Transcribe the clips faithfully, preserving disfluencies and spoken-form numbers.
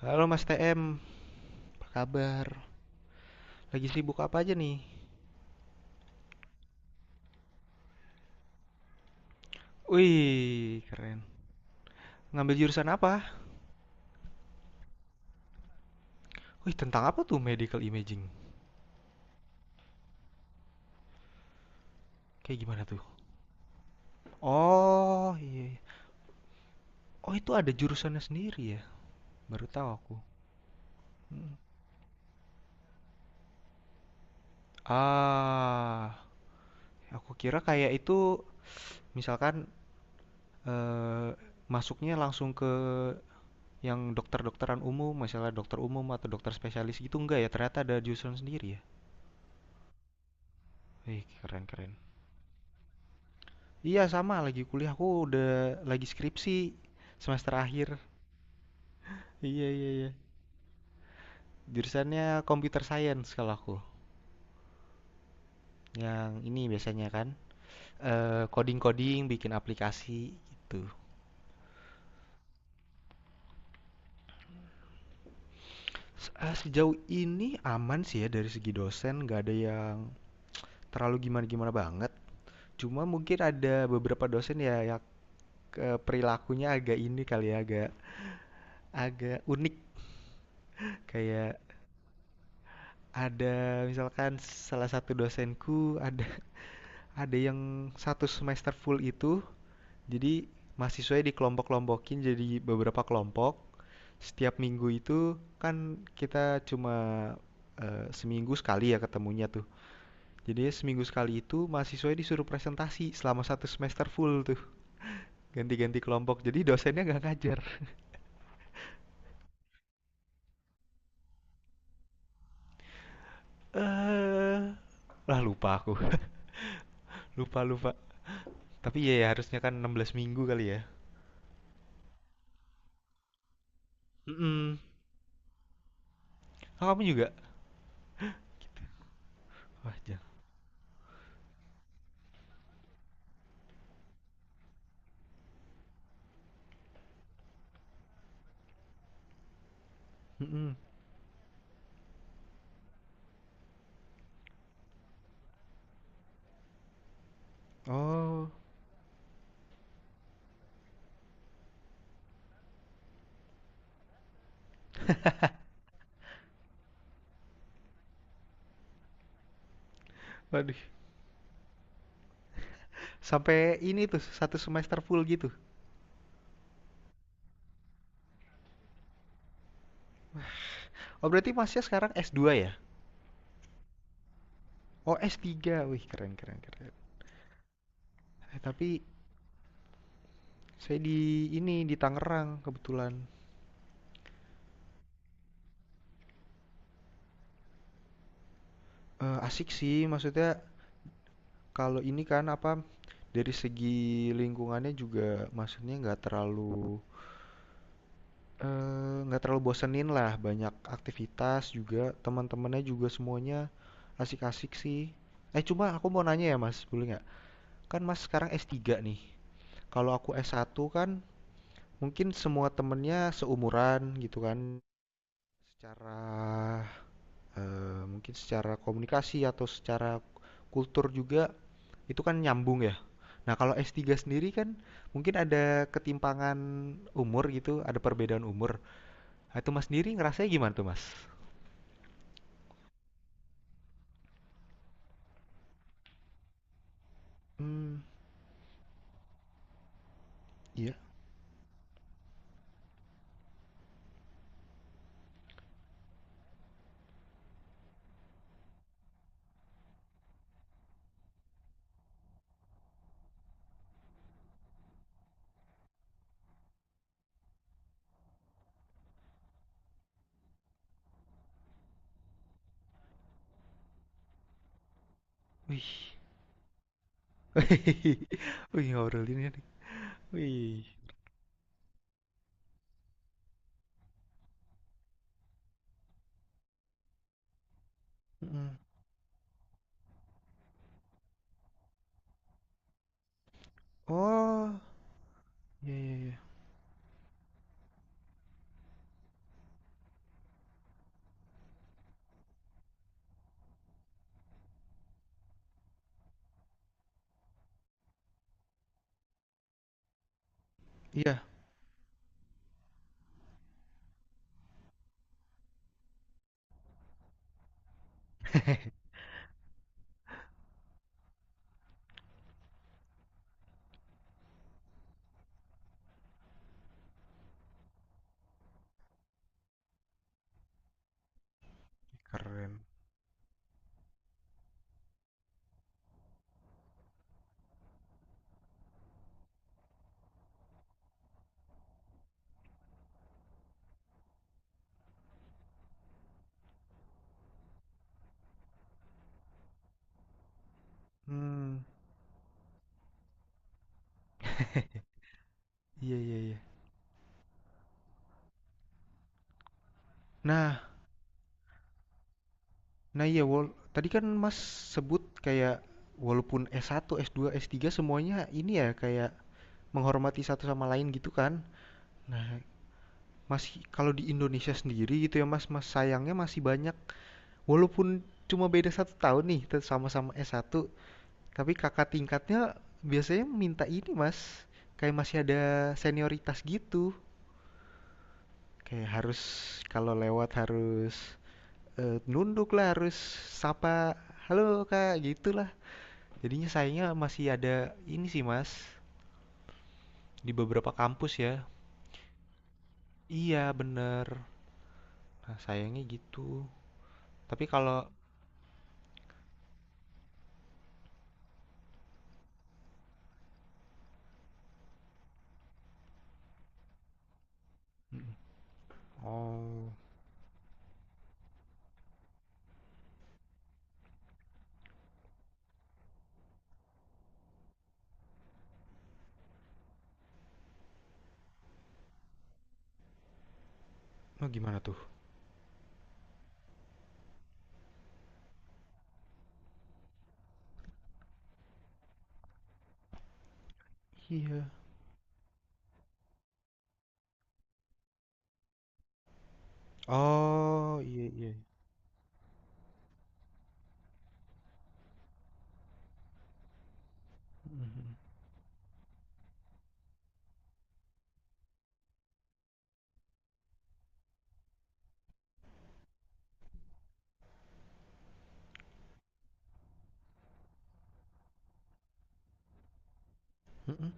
Halo Mas T M, apa kabar? Lagi sibuk apa aja nih? Wih, keren. Ngambil jurusan apa? Wih, tentang apa tuh medical imaging? Kayak gimana tuh? Oh, iya. iya. Oh, itu ada jurusannya sendiri ya? Baru tahu aku. Hmm. Ah, aku kira kayak itu misalkan eh, masuknya langsung ke yang dokter-dokteran umum, misalnya dokter umum atau dokter spesialis gitu enggak ya? Ternyata ada jurusan sendiri ya? Wih, keren-keren. Iya sama lagi kuliah aku udah lagi skripsi semester akhir. Iya iya iya. Jurusannya computer science kalau aku. Yang ini biasanya kan eh, coding-coding, bikin aplikasi gitu. Se- eh, Sejauh ini aman sih ya dari segi dosen, nggak ada yang terlalu gimana-gimana banget. Cuma mungkin ada beberapa dosen ya yang eh, perilakunya agak ini kali ya, agak agak unik. Kayak ada misalkan salah satu dosenku ada ada yang satu semester full itu jadi mahasiswanya dikelompok-kelompokin jadi beberapa kelompok setiap minggu itu kan kita cuma eh, seminggu sekali ya ketemunya tuh jadi seminggu sekali itu mahasiswanya disuruh presentasi selama satu semester full tuh ganti-ganti kelompok jadi dosennya nggak ngajar. eh Lah lupa aku. lupa lupa Tapi ya, ya harusnya kan enam belas minggu kali ya. Mm, kamu juga wah jangan. Mm-mm. Oh. Waduh. Sampai ini tuh, satu semester full gitu. Oh, berarti Masnya sekarang s dua ya? Oh, s tiga, Wih, keren keren keren. Eh, tapi saya di ini di Tangerang kebetulan. Eh, asik sih, maksudnya kalau ini kan apa dari segi lingkungannya juga maksudnya nggak terlalu eh, nggak terlalu bosenin lah, banyak aktivitas juga, teman-temannya juga semuanya asik-asik sih. Eh, cuma aku mau nanya ya, Mas, boleh nggak? Kan Mas sekarang s tiga nih. Kalau aku s satu kan mungkin semua temennya seumuran gitu kan, secara eh, mungkin secara komunikasi atau secara kultur juga itu kan nyambung ya. Nah, kalau S tiga sendiri kan mungkin ada ketimpangan umur gitu, ada perbedaan umur. Nah, itu Mas sendiri ngerasanya gimana tuh, Mas? Hmm, iya. Wih. Wih, ngobrolinnya nih. Wih. Mm. Oh, iya iya iya. Iya. Keren. Hmm, iya iya iya. Nah, Nah iya, wal tadi kan Mas sebut kayak walaupun S satu, S dua, S tiga semuanya ini ya kayak menghormati satu sama lain gitu kan. Nah, masih kalau di Indonesia sendiri gitu ya Mas, Mas sayangnya masih banyak walaupun cuma beda satu tahun nih tet- sama-sama S satu, tapi kakak tingkatnya biasanya minta ini Mas, kayak masih ada senioritas gitu. Kayak harus kalau lewat harus eh, nunduk lah, harus sapa, halo Kak, gitu lah. Jadinya sayangnya masih ada ini sih Mas, di beberapa kampus ya. Iya bener. Nah sayangnya gitu. Tapi kalau oh, oh gimana tuh? Iya. Oh iya iya. Mhm. Mhm.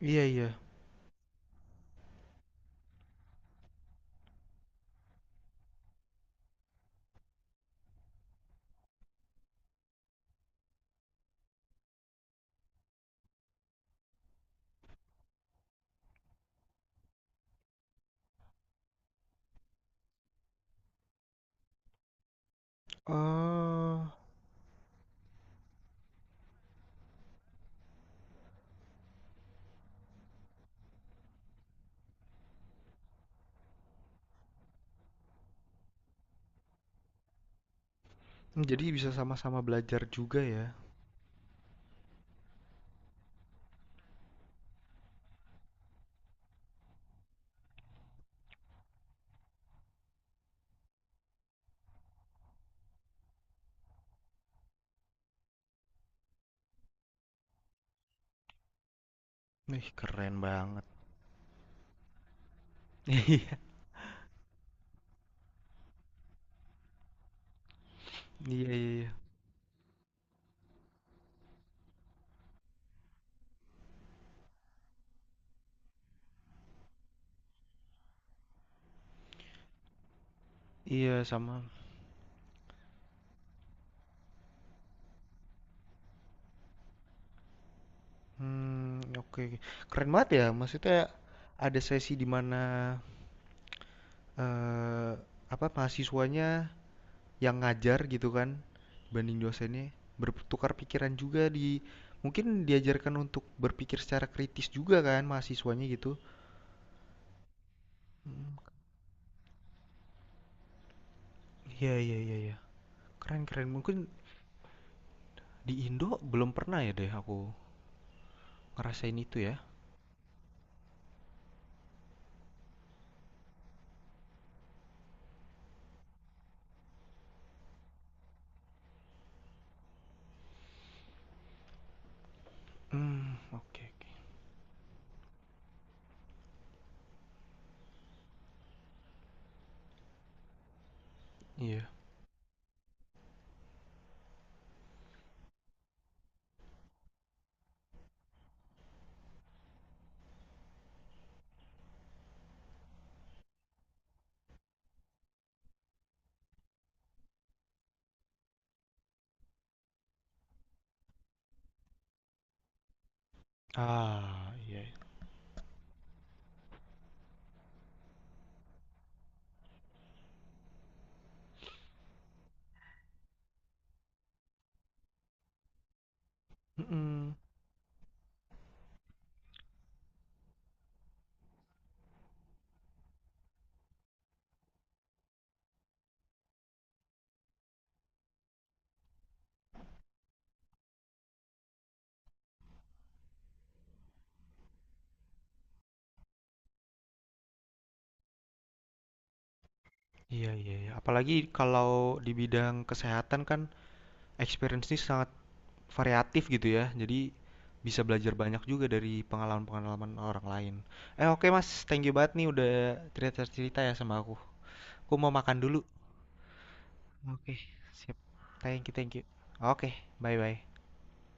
Iya iya. Oh, jadi bisa sama-sama belajar juga ya. Ih keren banget. Iya iya iya iya. Iya, sama. Hmm oke oke. Keren banget ya. Maksudnya ada sesi di mana eee, apa mahasiswanya yang ngajar gitu kan banding dosennya bertukar pikiran juga di mungkin diajarkan untuk berpikir secara kritis juga kan mahasiswanya gitu. Hmm, iya iya iya iya. Keren keren. Mungkin di Indo belum pernah ya deh aku ngerasain itu ya. Hmm, oke oke. Iya. Ah, iya. iya. Mm-mm. Iya iya iya. Apalagi kalau di bidang kesehatan kan experience ini sangat variatif gitu ya. Jadi bisa belajar banyak juga dari pengalaman-pengalaman orang lain. Eh oke Mas, thank you banget nih udah cerita-cerita ya sama aku. Aku mau makan dulu. Oke, siap. Thank you, thank you. Oke, bye-bye.